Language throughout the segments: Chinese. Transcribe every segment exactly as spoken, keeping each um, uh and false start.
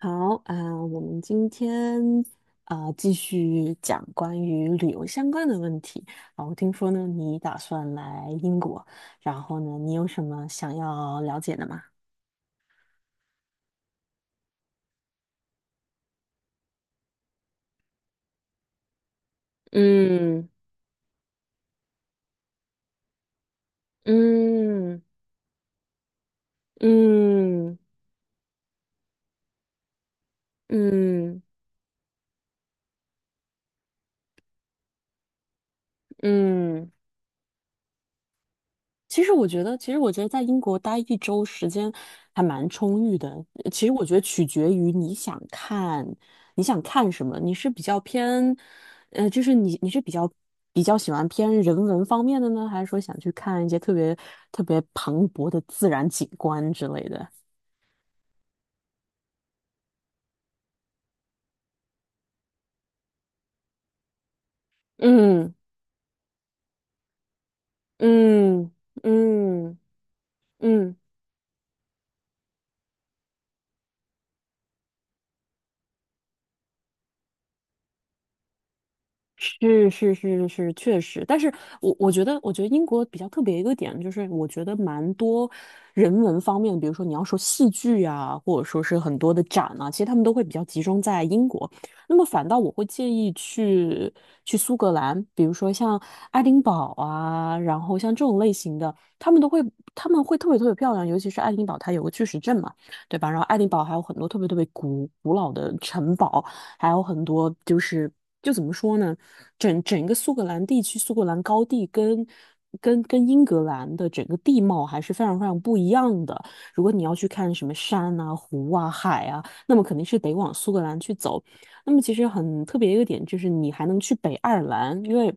好啊，呃我们今天啊，呃继续讲关于旅游相关的问题啊。我听说呢，你打算来英国，然后呢，你有什么想要了解的吗？嗯嗯嗯嗯。嗯嗯。其实我觉得，其实我觉得在英国待一周时间还蛮充裕的。呃其实我觉得取决于你想看，你想看什么。你是比较偏，呃，就是你你是比较比较喜欢偏人文方面的呢，还是说想去看一些特别特别磅礴的自然景观之类的？嗯嗯嗯。嗯嗯。是是是是，确实，但是我我觉得，我觉得英国比较特别一个点就是，我觉得蛮多人文方面，比如说你要说戏剧啊，或者说是很多的展啊，其实他们都会比较集中在英国。那么反倒我会建议去去苏格兰，比如说像爱丁堡啊，然后像这种类型的，他们都会他们会特别特别漂亮，尤其是爱丁堡，它有个巨石阵嘛，对吧？然后爱丁堡还有很多特别特别古古老的城堡。还有很多就是就怎么说呢，整整个苏格兰地区，苏格兰高地跟跟跟英格兰的整个地貌还是非常非常不一样的。如果你要去看什么山啊、湖啊、海啊，那么肯定是得往苏格兰去走。那么其实很特别一个点就是，你还能去北爱尔兰，因为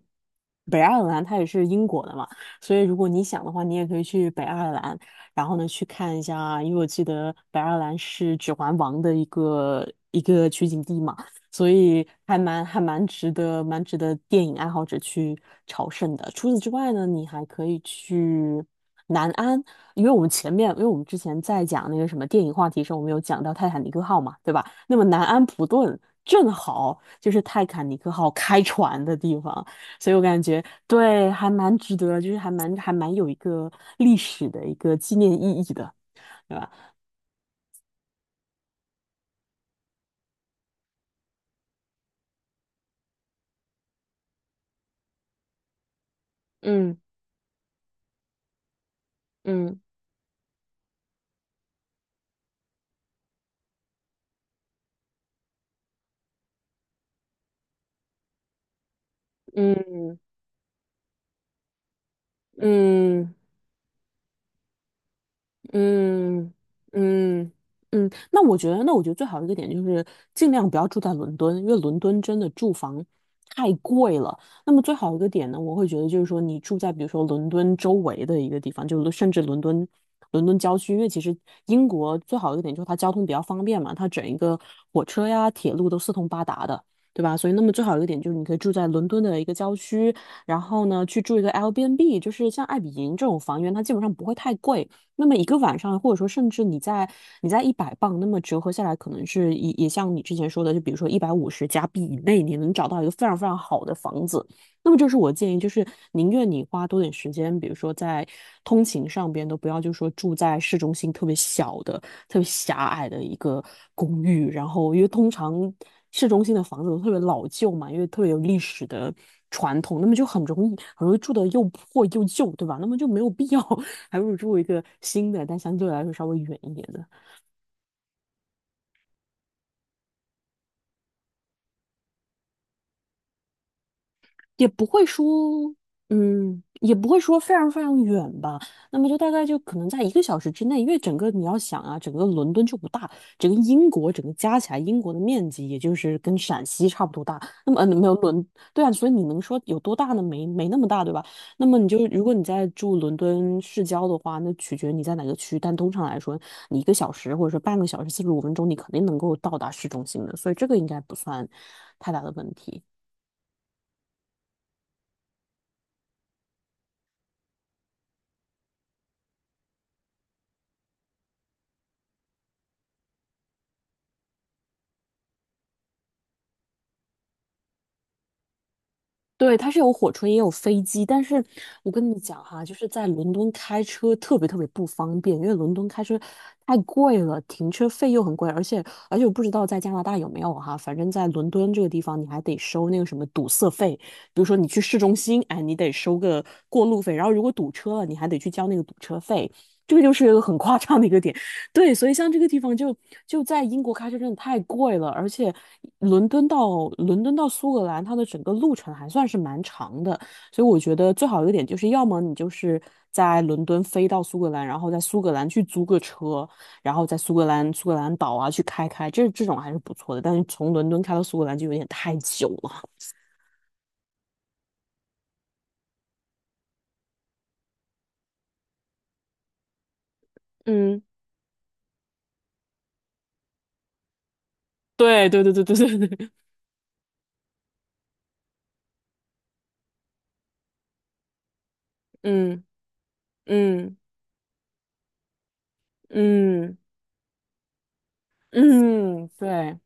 北爱尔兰它也是英国的嘛，所以如果你想的话，你也可以去北爱尔兰，然后呢去看一下，因为我记得北爱尔兰是《指环王》的一个一个取景地嘛。所以还蛮还蛮值得，蛮值得电影爱好者去朝圣的。除此之外呢，你还可以去南安，因为我们前面，因为我们之前在讲那个什么电影话题时候，我们有讲到《泰坦尼克号》嘛，对吧？那么南安普顿正好就是泰坦尼克号开船的地方，所以我感觉对，还蛮值得，就是还蛮还蛮有一个历史的一个纪念意义的，对吧？嗯嗯嗯嗯。嗯嗯嗯。那我觉得，那我觉得最好的一个点就是尽量不要住在伦敦，因为伦敦真的住房太贵了。那么最好一个点呢，我会觉得就是说你住在比如说伦敦周围的一个地方，就是甚至伦敦伦敦郊区，因为其实英国最好的一个点就是它交通比较方便嘛，它整一个火车呀、铁路都四通八达的。对吧？所以，那么最好一个点就是你可以住在伦敦的一个郊区，然后呢，去住一个 Airbnb，就是像爱比迎这种房源，它基本上不会太贵。那么一个晚上，或者说甚至你在你在一百磅，那么折合下来，可能是也也像你之前说的，就比如说一百五十加币以内，你能找到一个非常非常好的房子。那么这是我建议，就是宁愿你花多点时间，比如说在通勤上边，都不要就说住在市中心特别小的，特别狭隘的一个公寓，然后因为通常市中心的房子都特别老旧嘛，因为特别有历史的传统，那么就很容易很容易住的又破又旧，对吧？那么就没有必要 还不如住一个新的，但相对来说稍微远一点的。也不会说，嗯，也不会说非常非常远吧。那么就大概就可能在一个小时之内，因为整个你要想啊，整个伦敦就不大，整个英国整个加起来，英国的面积也就是跟陕西差不多大。那么嗯，没有伦，对啊，所以你能说有多大呢？没没那么大，对吧？那么你就如果你在住伦敦市郊的话，那取决你在哪个区，但通常来说，你一个小时或者说半个小时四十五分钟，你肯定能够到达市中心的，所以这个应该不算太大的问题。对，它是有火车也有飞机，但是我跟你讲哈，就是在伦敦开车特别特别不方便，因为伦敦开车太贵了，停车费又很贵，而且而且我不知道在加拿大有没有哈，反正在伦敦这个地方你还得收那个什么堵塞费，比如说你去市中心，哎，你得收个过路费，然后如果堵车了，你还得去交那个堵车费，这个就是一个很夸张的一个点。对，所以像这个地方就就在英国开车真的太贵了，而且伦敦到伦敦到苏格兰，它的整个路程还算是蛮长的，所以我觉得最好一个点就是，要么你就是在伦敦飞到苏格兰，然后在苏格兰去租个车，然后在苏格兰苏格兰岛啊去开开，这这种还是不错的，但是从伦敦开到苏格兰就有点太久了。嗯，对对对对对对对。嗯嗯嗯嗯嗯。对。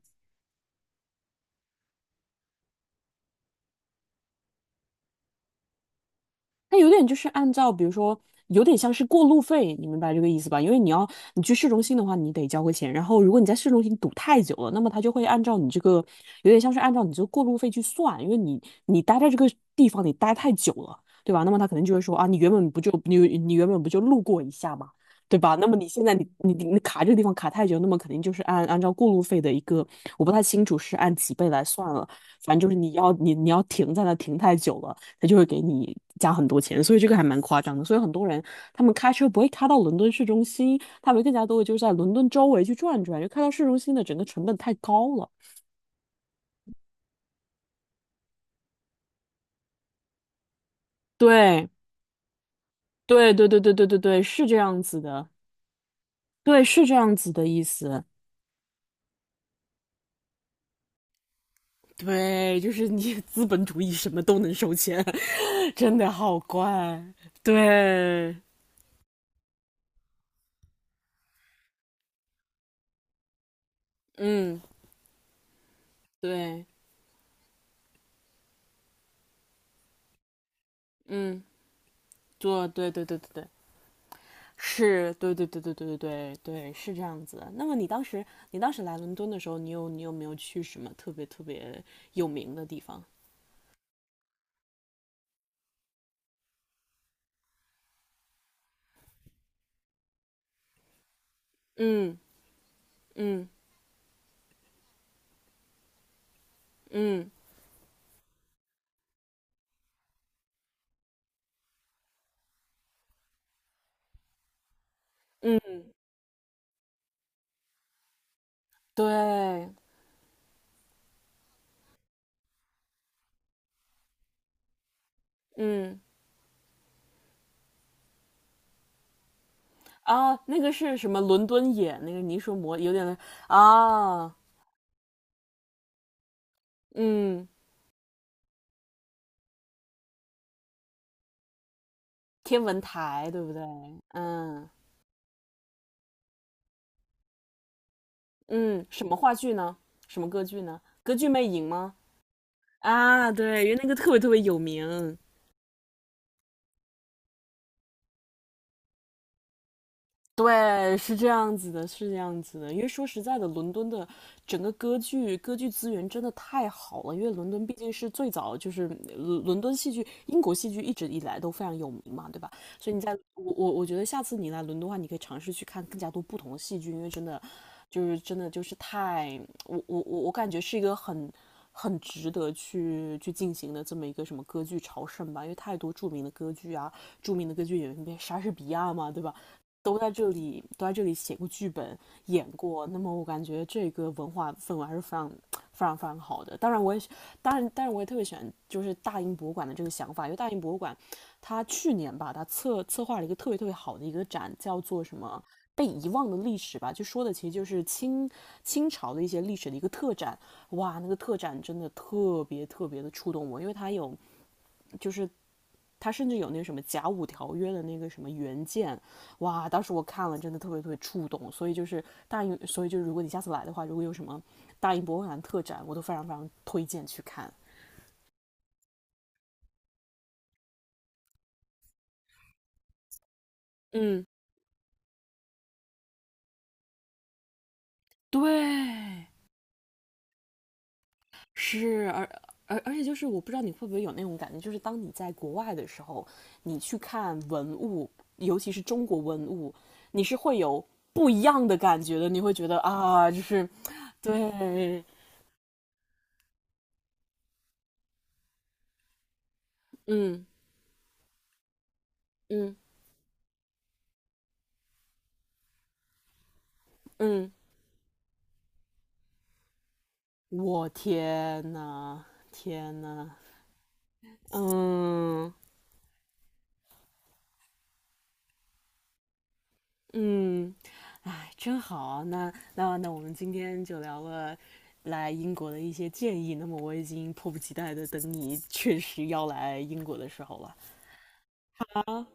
它有点就是按照，比如说，有点像是过路费，你明白这个意思吧？因为你要你去市中心的话，你得交个钱，然后如果你在市中心堵太久了，那么他就会按照你这个，有点像是按照你这个过路费去算，因为你你待在这个地方你待太久了，对吧？那么他可能就会说啊，你原本不就你你原本不就路过一下嘛，对吧？那么你现在你你你卡这个地方卡太久，那么肯定就是按按照过路费的一个，我不太清楚是按几倍来算了，反正就是你要你你要停在那停太久了。他就会给你加很多钱，所以这个还蛮夸张的。所以很多人他们开车不会开到伦敦市中心，他们更加多的就是在伦敦周围去转转，就开到市中心的整个成本太高了。对，对，对，对，对，对，对，对，是这样子的，对，是这样子的意思。对，就是你资本主义什么都能收钱，真的好怪。对，嗯，对，嗯，做，对，对，对，对，对。是，对对对对对对对对，是这样子的，那么你当时，你当时来伦敦的时候，你有你有没有去什么特别特别有名的地方？嗯嗯嗯嗯。对。嗯啊，那个是什么？伦敦眼，那个泥塑模，有点啊，嗯，天文台，对不对？嗯嗯。什么话剧呢？什么歌剧呢？歌剧魅影吗？啊，对，因为那个特别特别有名。对，是这样子的，是这样子的。因为说实在的，伦敦的整个歌剧歌剧资源真的太好了。因为伦敦毕竟是最早，就是伦伦敦戏剧、英国戏剧一直以来都非常有名嘛，对吧？所以你在我我我觉得下次你来伦敦的话，你可以尝试去看更加多不同的戏剧，因为真的就是真的就是太我我我我感觉是一个很很值得去去进行的这么一个什么歌剧朝圣吧，因为太多著名的歌剧啊，著名的歌剧演员，莎士比亚嘛，对吧？都在这里都在这里写过剧本、演过，那么我感觉这个文化氛围还是非常、非常、非常好的。当然，我也当然，当然我也特别喜欢就是大英博物馆的这个想法，因为大英博物馆它去年吧，它策策划了一个特别特别好的一个展，叫做什么？被遗忘的历史吧，就说的其实就是清清朝的一些历史的一个特展，哇，那个特展真的特别特别的触动我，因为它有就是他甚至有那什么甲午条约的那个什么原件，哇，当时我看了真的特别特别触动。所以就是大英，所以就是如果你下次来的话，如果有什么大英博物馆特展，我都非常非常推荐去看。嗯，对，是，而而而且就是我不知道你会不会有那种感觉，就是当你在国外的时候，你去看文物，尤其是中国文物，你是会有不一样的感觉的，你会觉得啊，就是对。嗯嗯嗯。我天呐，天呐。嗯嗯。哎，真好啊，那那那我们今天就聊了来英国的一些建议。那么我已经迫不及待的等你确实要来英国的时候了啊！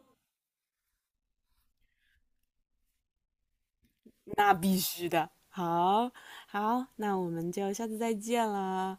那必须的。好，好，那我们就下次再见啦。